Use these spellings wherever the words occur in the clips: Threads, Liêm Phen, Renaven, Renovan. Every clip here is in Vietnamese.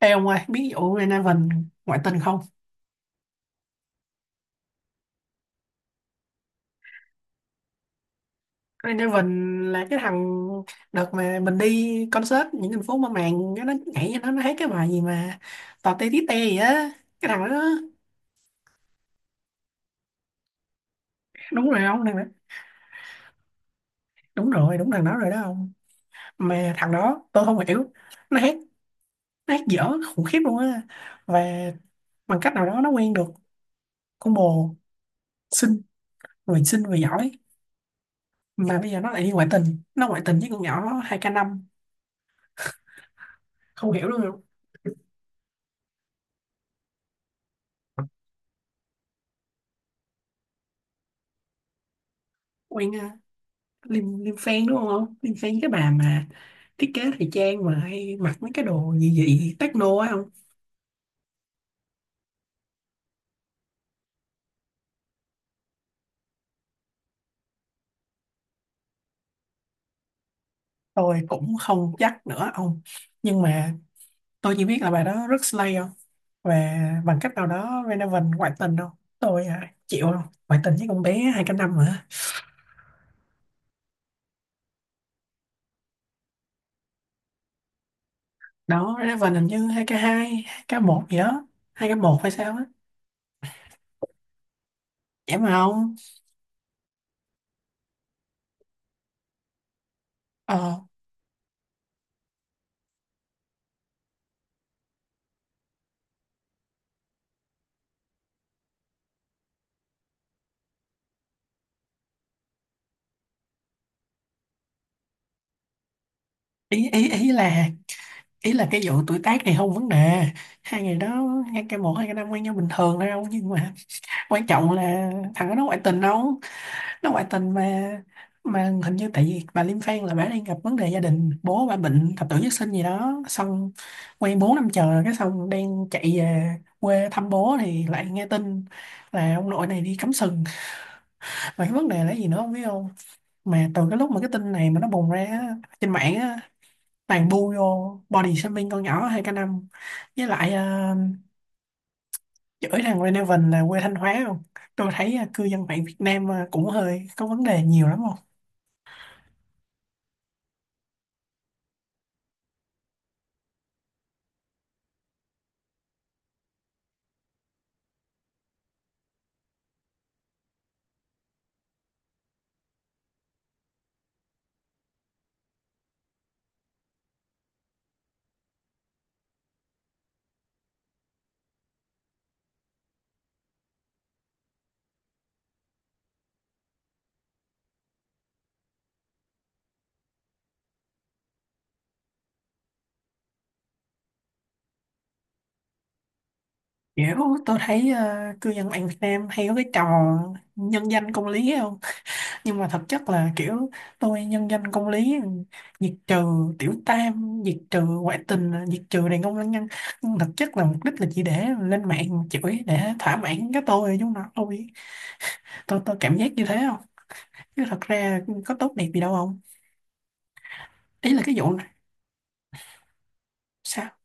Ê ông ơi, biết vụ Renaven ngoại tình không? Renaven là cái thằng đợt mà mình đi concert những thành phố mà màng nó nhảy cho nó hát cái bài gì mà tò te tí te gì á, cái thằng đó. Đúng rồi ông, thằng đó. Đúng rồi, đúng thằng đó rồi, đó ông. Mà thằng đó tôi không hiểu, nó hát nó hát dở khủng khiếp luôn á. Và bằng cách nào đó nó quen được con bồ xinh, người xinh người giỏi, mà bây giờ nó lại đi ngoại tình với con nhỏ hai k năm, không hiểu luôn. Quen Liêm Liêm Phen đúng không? Liêm Phen cái bà mà thiết kế thời trang mà hay mặc mấy cái đồ gì dị techno á không? Tôi cũng không chắc nữa ông. Nhưng mà tôi chỉ biết là bà đó rất slay không? Và bằng cách nào đó Renovan ngoại tình đâu. Tôi chịu không? Ngoại tình với con bé hai k năm hả? Đó, Renovan hình như hai k hai 2K1 gì đó. Hai k một hay sao á? Vậy mà không? Ờ, ý, ý, ý là ý là cái vụ tuổi tác này không vấn đề. Hai ngày đó hai k một hai k năm quen nhau bình thường thôi không. Nhưng mà quan trọng là thằng đó nó ngoại tình đâu, nó ngoại tình mà. Mà hình như tại vì bà Liêm Phan là bà đang gặp vấn đề gia đình, bố bà bệnh thập tử nhất sinh gì đó, xong quen 4 năm trời, cái xong đang chạy về quê thăm bố thì lại nghe tin là ông nội này đi cắm sừng. Mà cái vấn đề là gì nữa không biết không. Mà từ cái lúc mà cái tin này mà nó bùng ra á, trên mạng á, toàn bu vô body shaming con nhỏ hai k năm. Với lại chửi thằng Renevan là quê Thanh Hóa không? Tôi thấy à, cư dân mạng Việt Nam à, cũng hơi có vấn đề nhiều lắm không? Kiểu tôi thấy à, cư dân mạng Việt Nam hay có cái trò nhân danh công lý không? Nhưng mà thực chất là kiểu tôi nhân danh công lý, diệt trừ tiểu tam, diệt trừ ngoại tình, diệt trừ đàn ông lăng nhăng. Nhưng thực chất là mục đích là chỉ để lên mạng chửi để thỏa mãn cái tôi chúng nó thôi. Tôi cảm giác như thế không? Chứ thật ra có tốt đẹp gì đâu không? Ý là cái vụ này sao?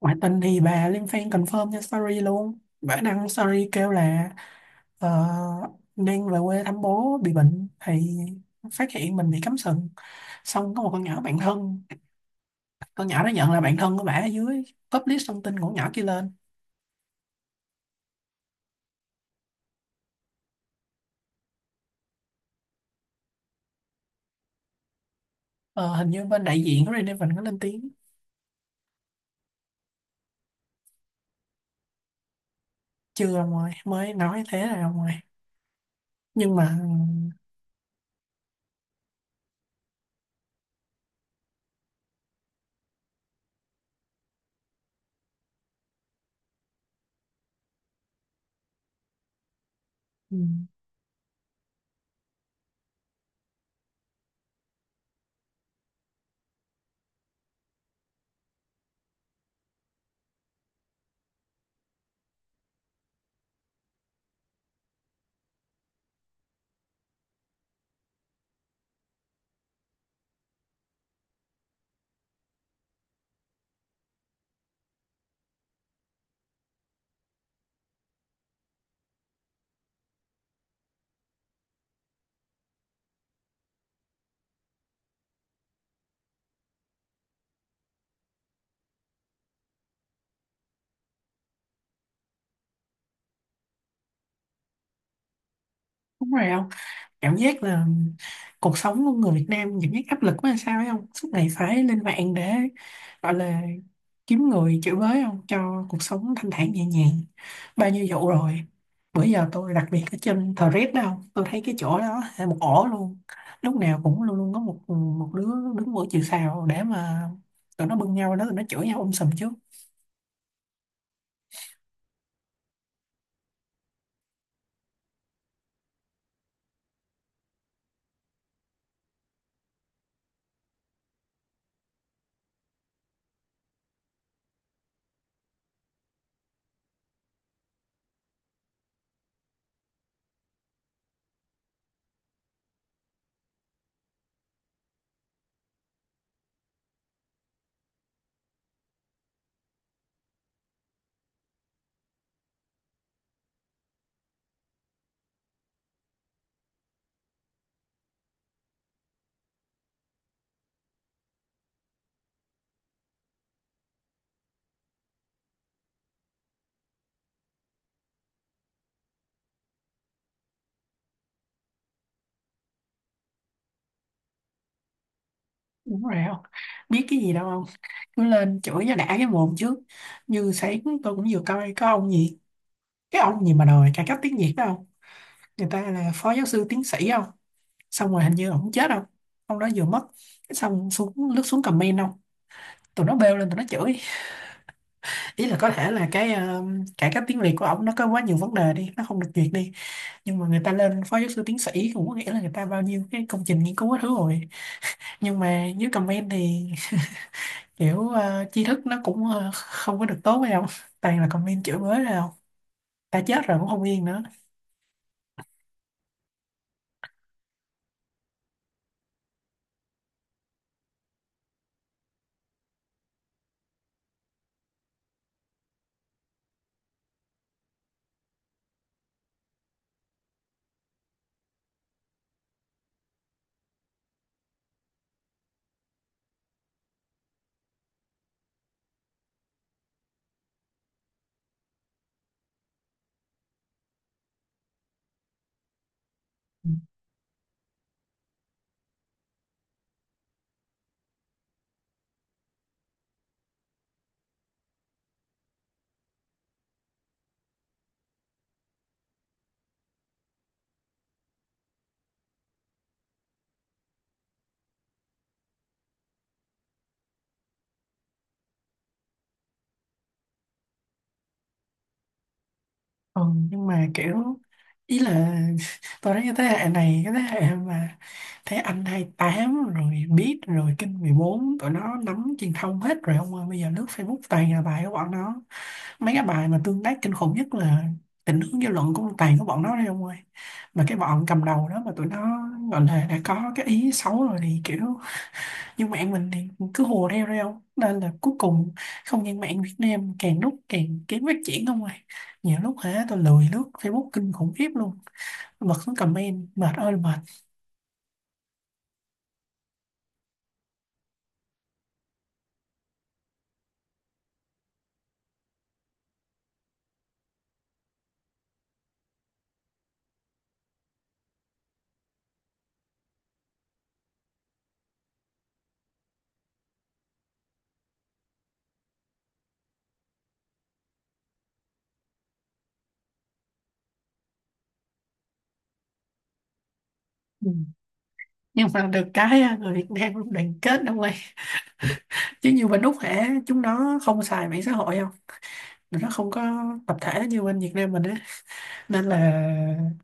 Ngoại tình thì bà lên fan confirm trên story luôn. Bà đăng story kêu là ờ, đang về quê thăm bố bị bệnh, thì phát hiện mình bị cắm sừng. Xong có một con nhỏ bạn thân, con nhỏ đó nhận là bạn thân của bả, ở dưới publish thông tin của con nhỏ kia lên. Ờ, hình như bên đại diện của Renevan có lên tiếng. Chưa ông ơi, mới nói thế là ông ơi. Nhưng mà ừ, đúng rồi. Cảm giác là cuộc sống của người Việt Nam cảm giác áp lực quá hay sao ấy không, suốt ngày phải lên mạng để gọi là kiếm người chửi bới không, cho cuộc sống thanh thản nhẹ nhàng. Bao nhiêu vụ rồi, bữa giờ tôi đặc biệt ở trên Threads đó không, tôi thấy cái chỗ đó là một ổ luôn. Lúc nào cũng luôn luôn có một một đứa đứng mũi chịu sào để mà tụi nó bưng nhau đó, tụi nó chửi nhau sùm trước. Đúng rồi không biết cái gì đâu không, cứ lên chửi cho đã cái mồm trước. Như sáng tôi cũng vừa coi có ông gì, cái ông gì mà đòi cải cách tiếng Việt đó không, người ta là phó giáo sư tiến sĩ không. Xong rồi hình như ổng chết không, ông đó vừa mất. Cái xong xuống lướt xuống comment không, tụi nó bêu lên tụi nó chửi. Ý là có thể là cái cải cách tiếng Việt của ổng nó có quá nhiều vấn đề đi, nó không được duyệt đi. Nhưng mà người ta lên phó giáo sư tiến sĩ cũng có nghĩa là người ta bao nhiêu cái công trình nghiên cứu hết thứ rồi. Nhưng mà dưới comment thì kiểu tri thức nó cũng không có được tốt hay không, toàn là comment chửi bới rồi không, ta chết rồi cũng không yên nữa. Ừ, nhưng mà kiểu ý là tôi thấy cái thế hệ này, cái thế hệ mà thấy anh 28 rồi biết rồi kinh 14, tụi nó nắm truyền thông hết rồi ông ơi. Bây giờ lướt Facebook toàn là bài của bọn nó, mấy cái bài mà tương tác kinh khủng nhất là định hướng dư luận cũng toàn của bọn nó đấy ông ơi. Mà cái bọn cầm đầu đó mà tụi nó gọi là đã có cái ý xấu rồi thì kiểu, nhưng mạng mình thì cứ hùa theo thôi không, nên là cuối cùng không gian mạng Việt Nam càng lúc càng kém phát triển không à. Nhiều lúc hả tôi lười lướt Facebook kinh khủng khiếp luôn, bật xuống comment mệt ơi là mệt. Ừ. Nhưng mà được cái á, người Việt Nam luôn đoàn kết đâu ơi. Chứ như bên Úc hả chúng nó không xài mạng xã hội không, tụi nó không có tập thể như bên Việt Nam mình á, nên là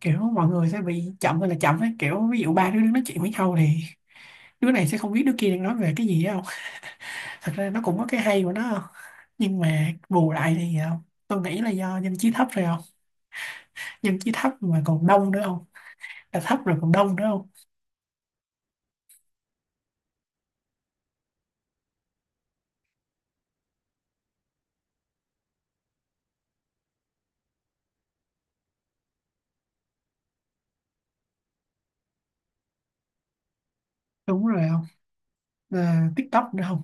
kiểu mọi người sẽ bị chậm hay là chậm ấy, kiểu ví dụ ba đứa đang nói chuyện với nhau thì đứa này sẽ không biết đứa kia đang nói về cái gì á. Thật ra nó cũng có cái hay của nó không, nhưng mà bù lại thì không, tôi nghĩ là do dân trí thấp rồi không. Dân trí thấp mà còn đông nữa không, là thấp rồi còn đông nữa không. Đúng rồi không, à, TikTok nữa không.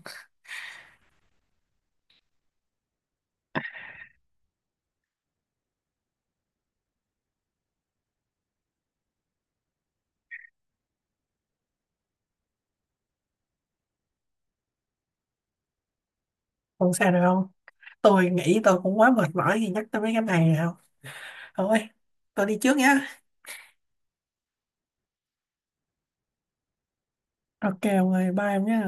Không sao được không, tôi nghĩ tôi cũng quá mệt mỏi khi nhắc tới mấy cái này rồi. Không thôi, tôi đi trước nhá. Ok ông ơi, bye em nhé.